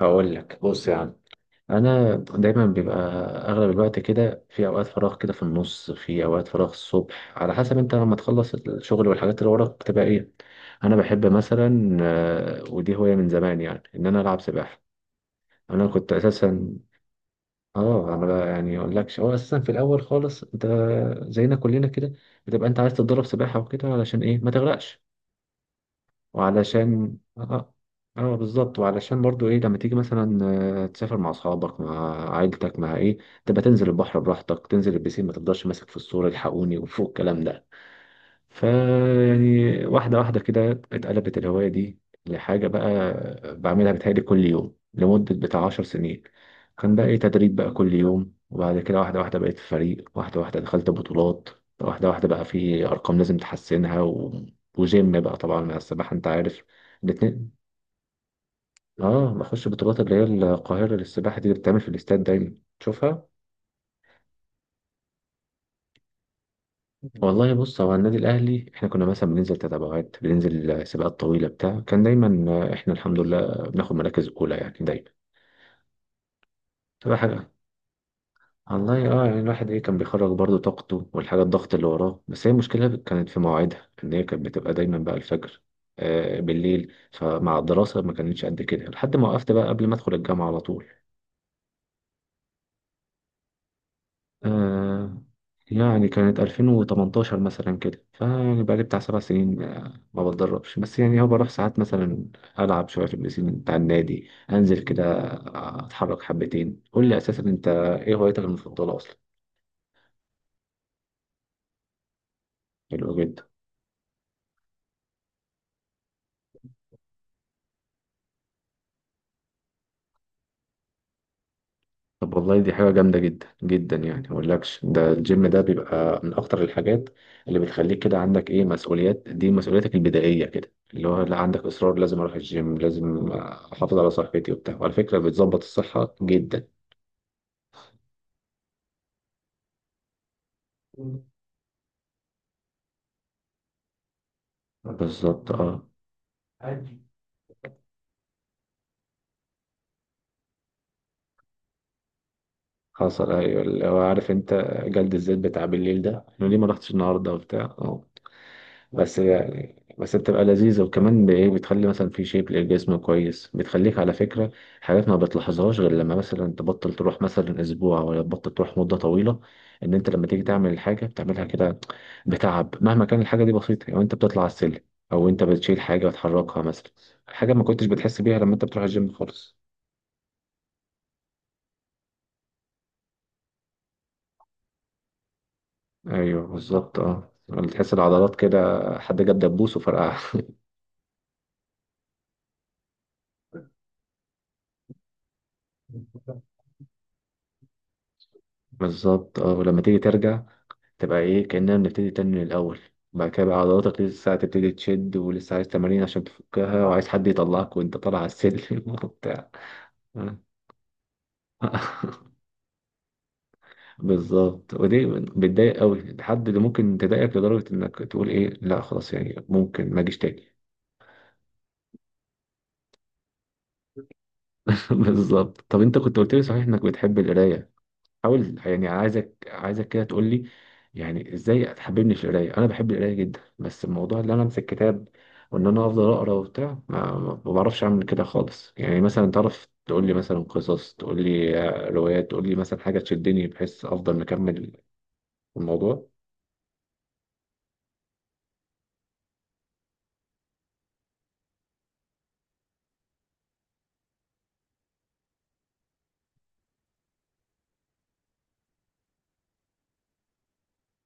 هقول لك بص يا عم. انا دايما بيبقى اغلب الوقت كده في اوقات فراغ، كده في النص في اوقات فراغ الصبح، على حسب انت لما تخلص الشغل والحاجات اللي وراك بتبقى ايه. انا بحب مثلا ودي هوايه من زمان يعني، ان انا العب سباحه. انا كنت اساسا اه انا بقى يعني اقول لكش، هو اساسا في الاول خالص انت زينا كلنا كده بتبقى انت عايز تتدرب سباحه وكده علشان ايه؟ ما تغرقش. وعلشان اه اه بالظبط، وعلشان برضو ايه، لما تيجي مثلا تسافر مع اصحابك، مع عائلتك، مع ايه، تبقى تنزل البحر براحتك، تنزل البسين، ما تفضلش ماسك في الصورة الحقوني وفوق الكلام ده. فيعني واحدة واحدة كده اتقلبت الهواية دي لحاجة بقى بعملها، بتهيألي كل يوم لمدة بتاع 10 سنين. كان بقى إيه؟ تدريب بقى كل يوم، وبعد كده واحدة واحدة بقيت في فريق، واحدة واحدة دخلت بطولات، واحدة واحدة بقى في أرقام لازم تحسنها وجيم بقى طبعا مع السباحة أنت عارف، الاتنين. آه، بخش بطولات اللي هي القاهرة للسباحة دي، اللي بتتعمل في الاستاد دايما تشوفها. والله بص، هو النادي الاهلي احنا كنا مثلا بننزل تتابعات، بننزل سباقات طويله بتاع، كان دايما احنا الحمد لله بناخد مراكز اولى يعني دايما. تبقى حاجه والله. اه يعني الواحد ايه، كان بيخرج برضه طاقته والحاجه، الضغط اللي وراه، بس هي المشكله كانت في مواعيدها، ان هي كانت بتبقى دايما بقى الفجر بالليل، فمع الدراسه ما كانتش قد كده، لحد ما وقفت بقى قبل ما ادخل الجامعه على طول. آه، يعني كانت 2018 مثلا كده، فيعني بقالي بتاع 7 سنين ما بتدربش، بس يعني هو بروح ساعات مثلا، ألعب شوية في البسين بتاع النادي، أنزل كده أتحرك حبتين. قول لي أساسا أنت إيه هوايتك المفضلة أصلا؟ حلو. طب والله دي حاجة جامدة جدا جدا، يعني ما اقولكش، ده الجيم ده بيبقى من اكتر الحاجات اللي بتخليك كده عندك ايه، مسؤوليات، دي مسؤوليتك البدائية كده، اللي هو لا، عندك اصرار لازم اروح الجيم، لازم احافظ على صحتي وبتاع، وعلى فكرة بتظبط الصحة جدا. بالظبط اه. حصل، ايوه، اللي هو عارف انت جلد الذات بتاع بالليل ده، انا ليه ما رحتش النهارده وبتاع بس يعني، بس بتبقى لذيذة، وكمان بإيه، بتخلي مثلا في شيب للجسم كويس، بتخليك على فكرة حاجات ما بتلاحظهاش غير لما مثلا تبطل تروح مثلا أسبوع، ولا تبطل تروح مدة طويلة، إن أنت لما تيجي تعمل الحاجة بتعملها كده بتعب، مهما كان الحاجة دي بسيطة. يعني أنت بتطلع على السلم، أو أنت بتشيل حاجة وتحركها مثلا، حاجة ما كنتش بتحس بيها لما أنت بتروح الجيم خالص. أيوه بالظبط أه. تحس العضلات كده حد جاب دبوس وفرقعها. بالظبط اه. ولما تيجي ترجع تبقى ايه، كأننا بنبتدي تاني من الأول. بعد كده بقى عضلاتك لسه هتبتدي تشد، ولسه عايز تمارين عشان تفكها، وعايز حد يطلعك وانت طالع على السلم وبتاع. بالظبط، ودي بتضايق قوي، الحد اللي ممكن تضايقك لدرجة انك تقول ايه، لا خلاص يعني ممكن ما اجيش تاني. بالظبط. طب انت كنت قلت لي صحيح انك بتحب القراية؟ حاول يعني، عايزك عايزك كده تقول لي يعني ازاي تحببني في القرايه. انا بحب القرايه جدا، بس الموضوع اللي انا امسك كتاب وان انا افضل اقرا وبتاع، ما بعرفش اعمل كده خالص. يعني مثلا تعرف تقول لي مثلا قصص، تقول لي روايات، تقول لي مثلا حاجه تشدني بحيث افضل مكمل في الموضوع.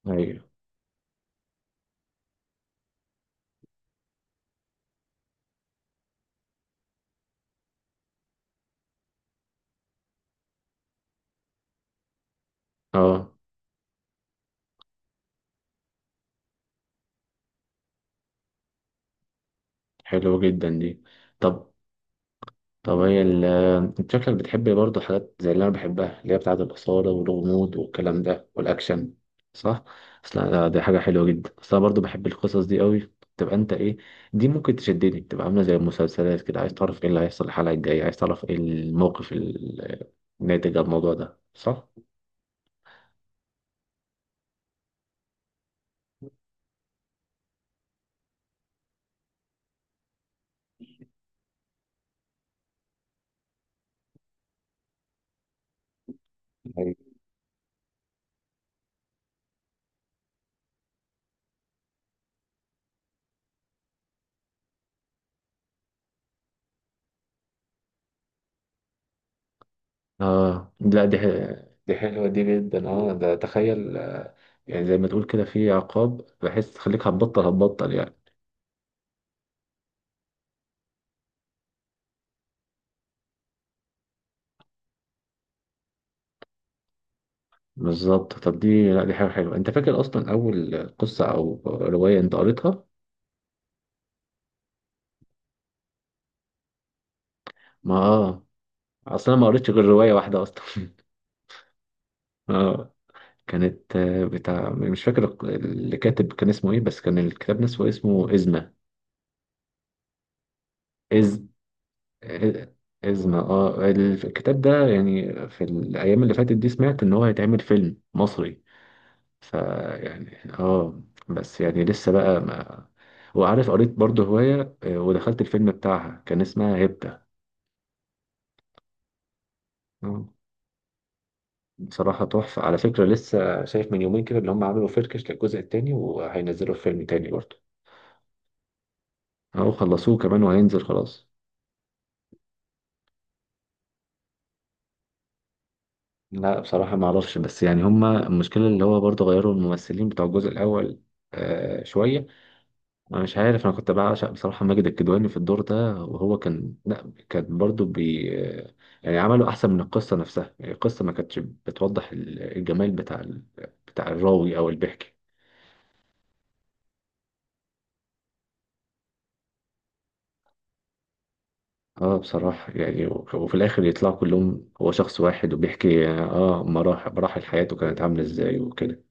ايوه اه. حلو جدا دي. طب طب هي انت شكلك بتحب برضه حاجات زي اللي انا بحبها، اللي هي بتاعة الإثارة والغموض والكلام ده والأكشن، صح؟ اصل دي حاجة حلوة جدا، اصل انا برضه بحب القصص دي قوي. تبقى انت ايه، دي ممكن تشدني، تبقى عاملة زي المسلسلات كده، عايز تعرف ايه اللي هيحصل الحلقة الجاية، عايز تعرف ايه الموقف الناتج عن الموضوع ده، صح؟ أيوة. اه لا دي دي حلوة دي جدا. اه ده تخيل يعني زي ما تقول كده في عقاب بحس، تخليك هتبطل هتبطل يعني. بالظبط. طب دي لا، دي حاجة حلوة. انت فاكر اصلا اول قصة او رواية انت قريتها؟ ما اه اصلا أنا ما قريتش غير رواية واحدة اصلا. اه كانت بتاع، مش فاكر اللي كاتب كان اسمه ايه، بس كان الكتاب نفسه اسمه إزمة. إز إ- إزمة، اه. الكتاب ده يعني في الايام اللي فاتت دي سمعت ان هو هيتعمل فيلم مصري، فيعني اه بس يعني لسه بقى ما. وعارف قريت برضه هواية ودخلت الفيلم بتاعها، كان اسمها هبدة. آه. بصراحة تحفة، على فكرة لسه شايف من يومين كده اللي هم عملوا فركش للجزء التاني، وهينزلوا فيلم تاني برضه. أهو خلصوه كمان وهينزل خلاص. لا بصراحة ما أعرفش، بس يعني هم المشكلة اللي هو برضه غيروا الممثلين بتوع الجزء الأول آه شوية. أنا مش عارف، أنا كنت بعشق بصراحة ماجد الكدواني في الدور ده، وهو كان لا، كان برضه بي آه، يعني عملوا أحسن من القصة نفسها. يعني القصة ما كانتش بتوضح الجمال بتاع بتاع الراوي أو البحكي. اه بصراحة يعني وفي الآخر يطلعوا كلهم هو شخص واحد، وبيحكي اه مراحل حياته كانت عاملة ازاي وكده.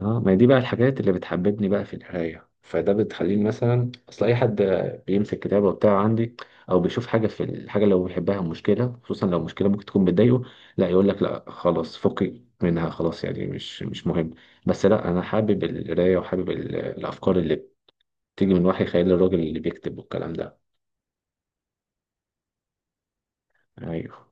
اه، ما هي دي بقى الحاجات اللي بتحببني بقى في القراية، فده بتخليني مثلا، اصل اي حد بيمسك كتابة وبتاع عندي، او بيشوف حاجة في الحاجة اللي هو بيحبها مشكلة، خصوصا لو مشكلة ممكن تكون بتضايقه، لا يقول لك لا خلاص فكي منها، خلاص يعني مش مهم. بس لا، انا حابب القراية وحابب الافكار اللي بتيجي من وحي خيال الراجل اللي بيكتب والكلام ده. ايوه.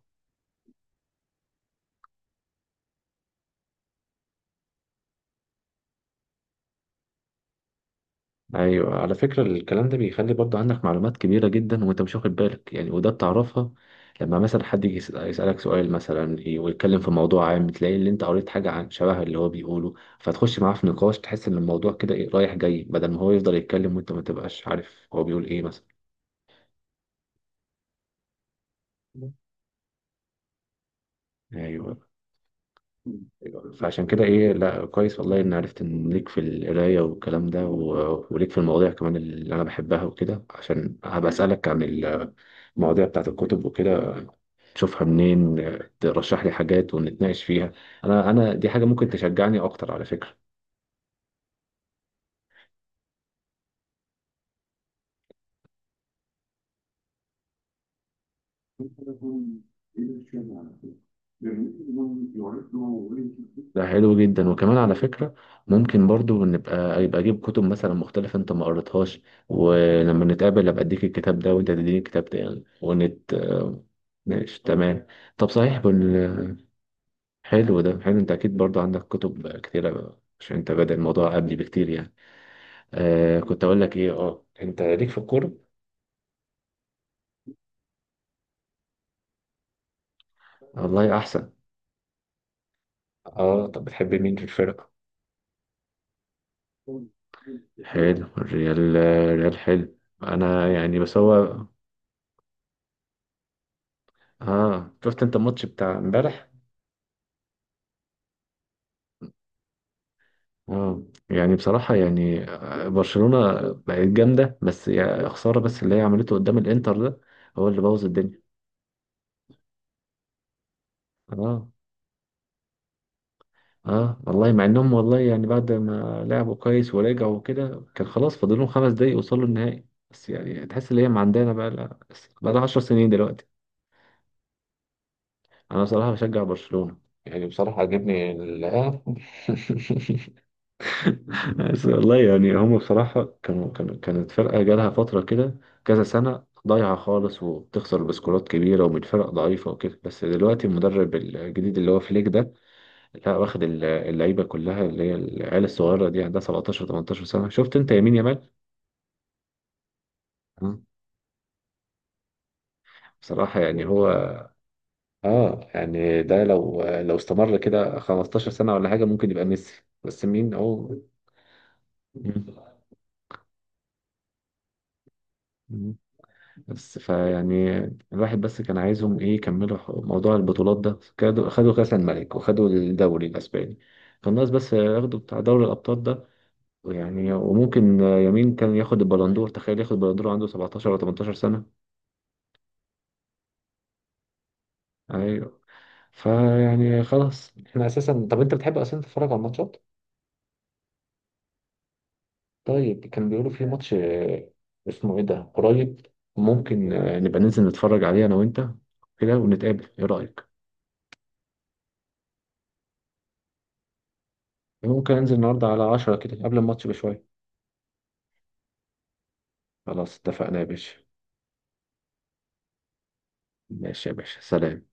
ايوه على فكره، الكلام ده بيخلي برضه عندك معلومات كبيره جدا وانت مش واخد بالك يعني، وده بتعرفها لما مثلا حد يجي يسالك سؤال مثلا، ويتكلم في موضوع عام، تلاقي اللي انت قريت حاجه عن شبه اللي هو بيقوله، فتخش معاه في نقاش، تحس ان الموضوع كده إيه، رايح جاي، بدل ما هو يفضل يتكلم وانت ما تبقاش عارف هو بيقول ايه مثلا. ايوه. أيوة. فعشان كده ايه، لا كويس والله ان عرفت ان ليك في القرايه والكلام ده، وليك في المواضيع كمان اللي انا بحبها وكده، عشان هبقى اسالك عن المواضيع بتاعت الكتب وكده، تشوفها منين، ترشح لي حاجات ونتناقش فيها. انا انا دي حاجه ممكن تشجعني اكتر على فكره. ده حلو جدا. وكمان على فكره ممكن برضو نبقى، يبقى اجيب كتب مثلا مختلفه انت ما قريتهاش، ولما نتقابل ابقى اديك الكتاب ده وانت تديني الكتاب ده يعني، ونت ماشي تمام. طب صحيح حلو، ده حلو. انت اكيد برضو عندك كتب كتيره عشان انت بادئ الموضوع قبلي بكتير يعني. آه كنت اقول لك ايه، اه انت ليك في الكوره؟ والله احسن. اه طب بتحب مين في الفرقه؟ حلو، الريال، الريال حلو. انا يعني بس هو. اه شفت انت الماتش بتاع امبارح؟ اه يعني بصراحة يعني برشلونة بقت جامدة، بس يا خسارة بس اللي هي عملته قدام الانتر ده هو اللي بوظ الدنيا. اه. اه والله مع انهم، والله يعني بعد ما لعبوا كويس ورجعوا وكده، كان خلاص فاضل لهم 5 دقايق يوصلوا النهائي. بس يعني تحس ان هي ما عندنا، بقى لها 10 سنين دلوقتي. انا بصراحة بشجع برشلونة، يعني بصراحة عجبني بس والله يعني هم بصراحة كانوا كانت فرقة جالها فترة كده كذا سنة ضايعة خالص، وبتخسر بسكورات كبيرة ومن فرق ضعيفة وكده، بس دلوقتي المدرب الجديد اللي هو فليك ده، لا واخد اللعيبة كلها اللي هي العيال الصغيرة دي عندها 17 18 سنة. شفت انت يمين يامال؟ مم. بصراحة يعني هو اه يعني ده لو استمر كده 15 سنة ولا حاجة ممكن يبقى ميسي، بس مين هو؟ مم. بس فيعني الواحد بس كان عايزهم ايه، يكملوا موضوع البطولات ده، خدوا خدوا كأس الملك، وخدوا الدوري الاسباني، فالناس بس ياخدوا بتاع دوري الابطال ده. ويعني وممكن يمين كان ياخد البلندور، تخيل ياخد البلندور عنده 17 ولا 18 سنة. ايوه فيعني خلاص. احنا اساسا طب انت بتحب اصلا تتفرج على الماتشات؟ طيب كان بيقولوا في ماتش اسمه ايه ده قريب، ممكن نبقى ننزل نتفرج عليه انا وانت كده، ونتقابل، ايه رأيك؟ ممكن انزل النهارده على 10 كده قبل الماتش بشوية. خلاص اتفقنا يا باشا. ماشي يا باشا، سلام.